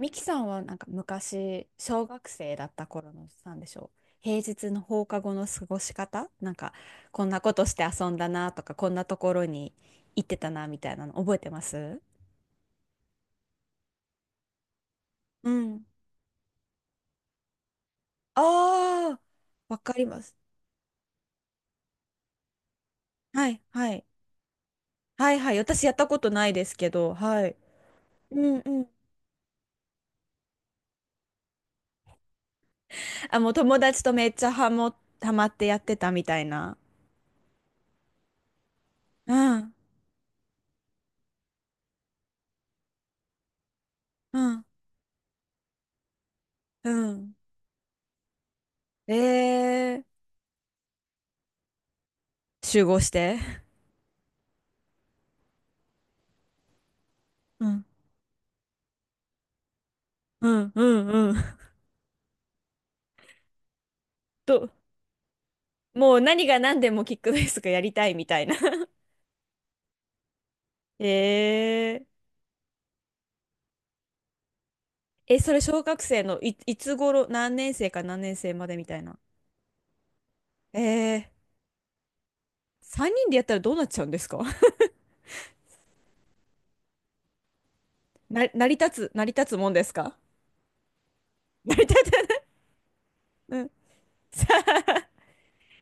ミキさんはなんか昔、小学生だった頃の、なんでしょう。平日の放課後の過ごし方なんか、こんなことして遊んだなとか、こんなところに行ってたなみたいなの覚えてます？うん。ああ、わかります。はい、はい。はい、はい。私やったことないですけど、はい。うんうん。あ、もう友達とめっちゃハマってやってたみたいな。うん、うん、うん。えー、集合して。うん、うん、うん、うん。ど、もう何が何でもキックベースがやりたいみたいな。 へえ。え、それ小学生のいつ頃、何年生か何年生までみたいな。ええ。3人でやったらどうなっちゃうんですか？ 成り立つ、成り立つもんですか？ 成り立たない。うん。さあ、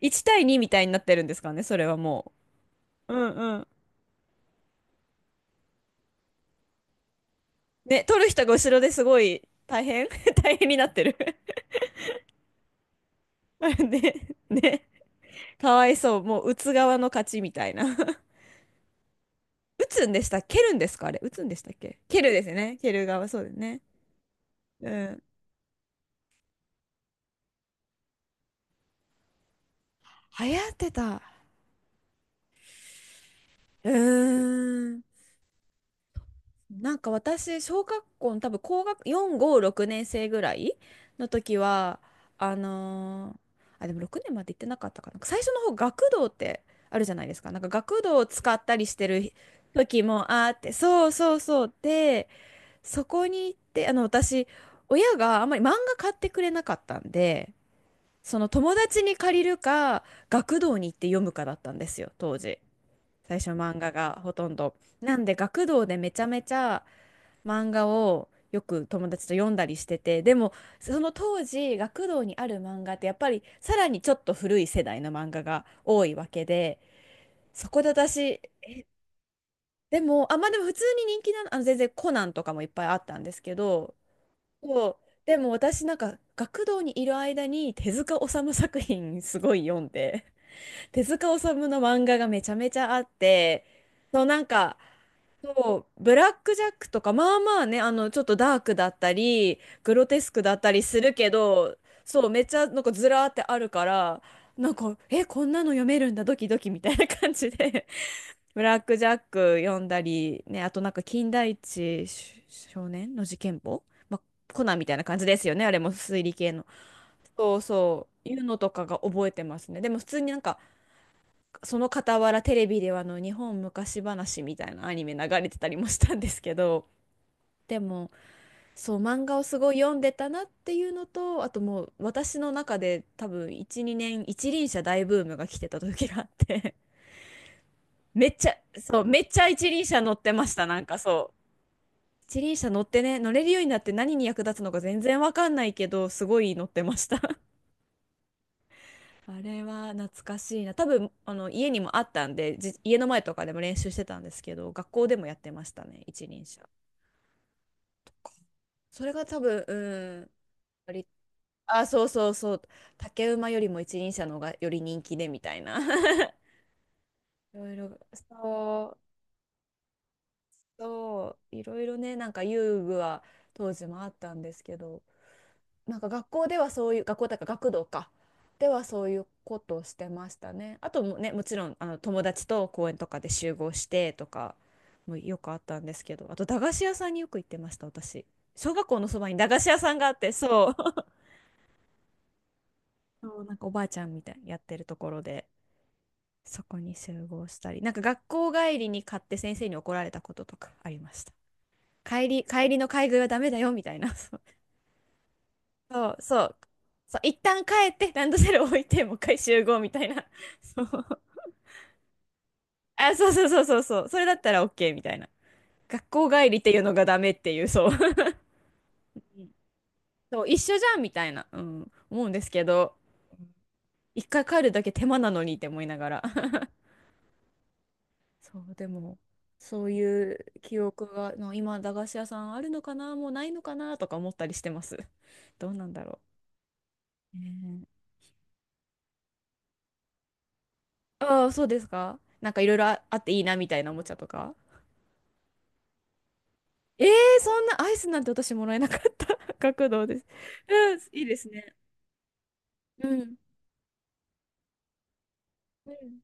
1対2みたいになってるんですかね、それはもう。うんうん。ね、取る人が後ろですごい大変、 大変になってる。 ね、ね、かわいそう。もう打つ側の勝ちみたいな。打つんでした蹴るんですか、あれ、打つんでしたっけ、蹴るですよね。蹴る側、そうですね。うん。流行ってた。うーん。なんか私、小学校の多分4、5、6年生ぐらいの時は、あのーあ、でも6年まで行ってなかったかな。最初の方、学童ってあるじゃないですか。なんか学童を使ったりしてる時もあって、そうそうそう。で、そこに行って、あの、私、親があんまり漫画買ってくれなかったんで、その友達に借りるか学童に行って読むかだったんですよ、当時。最初漫画がほとんどなんで、学童でめちゃめちゃ漫画をよく友達と読んだりしてて。でもその当時学童にある漫画ってやっぱりさらにちょっと古い世代の漫画が多いわけで、そこで私、でもあ、まあでも普通に人気なの、あの、全然コナンとかもいっぱいあったんですけど、そうでも私なんか学童にいる間に手塚治虫作品すごい読んで、手塚治虫の漫画がめちゃめちゃあって、そうなんか、そう、ブラック・ジャックとか、まあまあね、あの、ちょっとダークだったり、グロテスクだったりするけど、そう、めっちゃなんかずらーってあるから、なんか、え、こんなの読めるんだ、ドキドキみたいな感じで、 ブラック・ジャック読んだり、ね、あとなんか、金田一少年の事件簿、まあ、コナンみたいな感じですよね、あれも推理系の。そうそう、いうのとかが覚えてますね。でも普通になんか、その傍らテレビではあの日本昔話みたいなアニメ流れてたりもしたんですけど、でもそう漫画をすごい読んでたなっていうのと、あと、もう私の中で多分12年一輪車大ブームが来てた時があって、 めっちゃ、そう、めっちゃ一輪車乗ってました。なんか、そう一輪車乗ってね、乗れるようになって何に役立つのか全然わかんないけどすごい乗ってました。あれは懐かしいな。多分、あの、家にもあったんで、家の前とかでも練習してたんですけど、学校でもやってましたね、一輪車。それが多分、うん、割あ、そうそうそう、竹馬よりも一輪車の方がより人気でみたいな。いろいろ、そう、そう、いろいろね、なんか遊具は当時もあったんですけど、なんか学校ではそういう、学校だから学童かではそういうことをしてましたね。あと、もね、もちろんあの友達と公園とかで集合してとかもよくあったんですけど、あと駄菓子屋さんによく行ってました、私。小学校のそばに駄菓子屋さんがあって、そう、 そうなんかおばあちゃんみたいにやってるところで、そこに集合したり、なんか学校帰りに買って先生に怒られたこととかありました。帰りの買い食いはダメだよみたいな。そう、そう。そう、一旦帰って、ランドセル置いて、もう一回集合みたいな。そう。あ、そうそうそうそうそう。それだったら OK みたいな。学校帰りっていうのがダメっていう、そう。うん、そう、一緒じゃんみたいな、うん、思うんですけど、一回帰るだけ手間なのにって思いながら。そう、でも、そういう記憶が、の今、駄菓子屋さんあるのかな、もうないのかなとか思ったりしてます。どうなんだろう。ねえ。ああ、そうですか。なんかいろいろああっていいなみたいな、おもちゃとか。えー、そんなアイスなんて私もらえなかった。 学童です。うん、いいですね。うん。うん。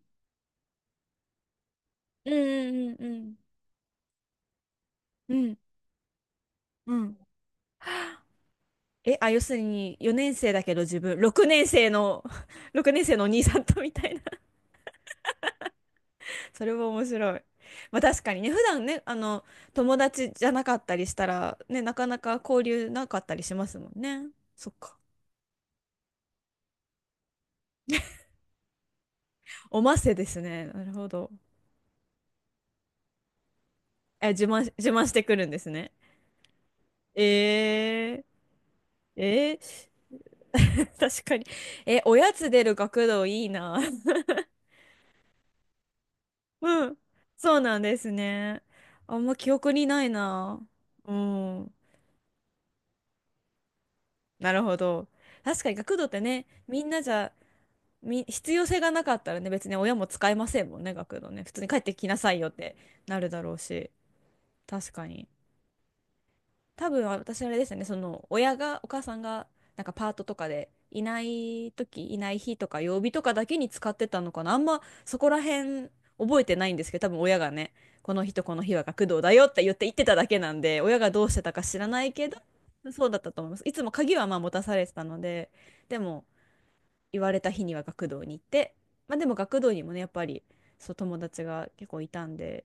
うんうんうんうん。うん。うん。え、あ、要するに4年生だけど自分、6年生の、6年生のお兄さんとみたいな。それも面白い。まあ確かにね、普段ね、あの、友達じゃなかったりしたら、ね、なかなか交流なかったりしますもんね。そっか。おませですね。なるほど。え、自慢してくるんですね。えー、えー、確かに。え、おやつ出る学童いいな。うん。そうなんですね。あんま記憶にないな。うん。なるほど。確かに学童ってね、みんなじゃ、必要性がなかったらね、別に親も使えませんもんね、学童ね。普通に帰ってきなさいよってなるだろうし。確かに。多分私あれですよね、そのお母さんがなんかパートとかでいない時、いない日とか曜日とかだけに使ってたのかな。あんまそこら辺覚えてないんですけど、多分親がね、この日とこの日は学童だよって言ってただけなんで、親がどうしてたか知らないけど、そうだったと思います。いつも鍵はまあ持たされてたので、でも言われた日には学童に行って、まあでも学童にもね、やっぱりそう友達が結構いたんで、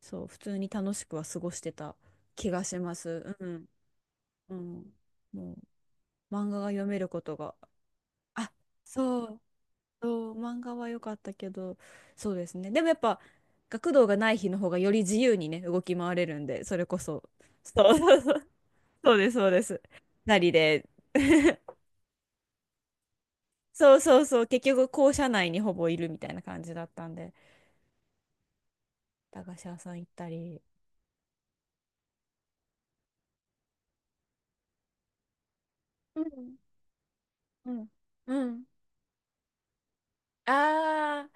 そう普通に楽しくは過ごしてた気がします。うん。うん、もう漫画が読めることが、あ、そう、そう、漫画は良かったけど、そうですね。でもやっぱ学童がない日の方がより自由にね、動き回れるんで、それこそ。そうそうそう、そうです、そうです。なりで。そうそうそう、結局校舎内にほぼいるみたいな感じだったんで、駄菓子屋さん行ったり。うんうんうん。あ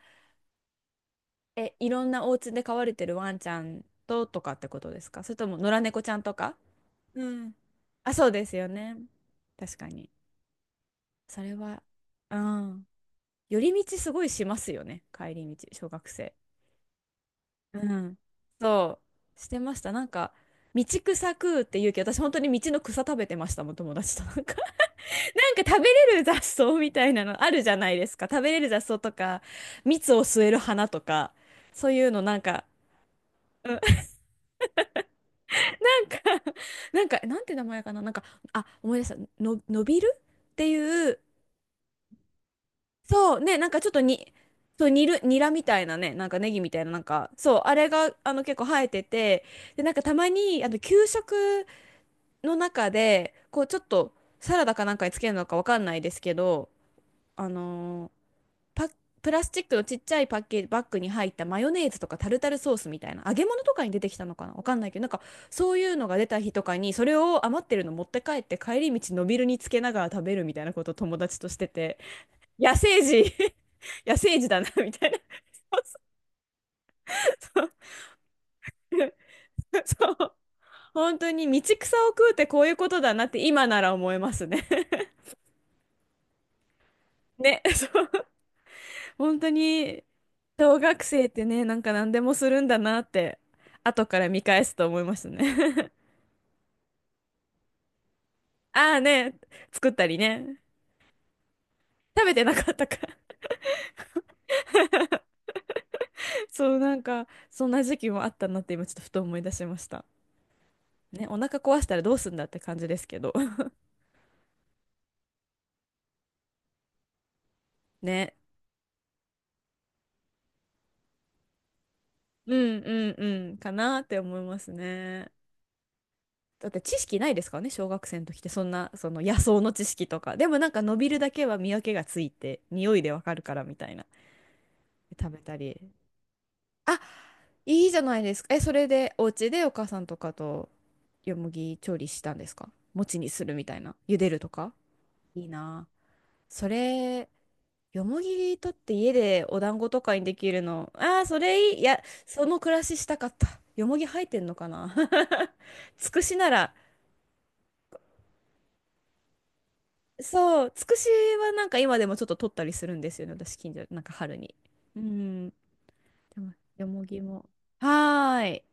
ー、え、いろんなお家で飼われてるワンちゃんととかってことですか、それとも野良猫ちゃんとか？うん。あ、そうですよね。確かに。それは、うん。寄り道すごいしますよね。帰り道、小学生。うん。そう、してました。なんか、道草食うって言うけど、私本当に道の草食べてましたもん、友達と。なんか、なんか食べれる雑草みたいなのあるじゃないですか。食べれる雑草とか、蜜を吸える花とか、そういうのなんか、うん、なんか、なんか、なんて名前かな。なんか、あ、思い出した。のびるっていう。そうね、なんかちょっとに、そう、煮る、ニラみたいなね、なんかネギみたいな、なんか、そう、あれが、あの、結構生えてて、で、なんかたまに、あの、給食の中で、こう、ちょっと、サラダかなんかにつけるのかわかんないですけど、あのーパ、プラスチックのちっちゃいパッケージ、バッグに入ったマヨネーズとかタルタルソースみたいな、揚げ物とかに出てきたのかなわかんないけど、なんか、そういうのが出た日とかに、それを余ってるの持って帰って、帰り道、のびるにつけながら食べるみたいなことを友達としてて。野生児、 野生児だなみたいな。そう、 そう、本当に道草を食うってこういうことだなって今なら思いますね。 ね、そう、本当に小学生ってね、なんか何でもするんだなって後から見返すと思いますね。 ああね、作ったりね、食べてなかったか。 そう、なんかそんな時期もあったなって今ちょっとふと思い出しました。ね、お腹壊したらどうすんだって感じですけど。 ね、うんうんうん、かなって思いますね。だって知識ないですからね、小学生の時って、そんなその野草の知識とか。でもなんか伸びるだけは見分けがついて匂いでわかるからみたいな。食べたり、あ、いいじゃないですか、え、それでお家でお母さんとかとよもぎ調理したんですか？餅にするみたいな、茹でるとか。いいなあ、それ、よもぎ取って家でお団子とかにできるの、ああそれいい、いや、その暮らししたかった。よもぎ生えてんのかな。 つくしなら、そう、つくしはなんか今でもちょっと取ったりするんですよね、私、近所、なんか春に。うん、でもよもぎも。はーい。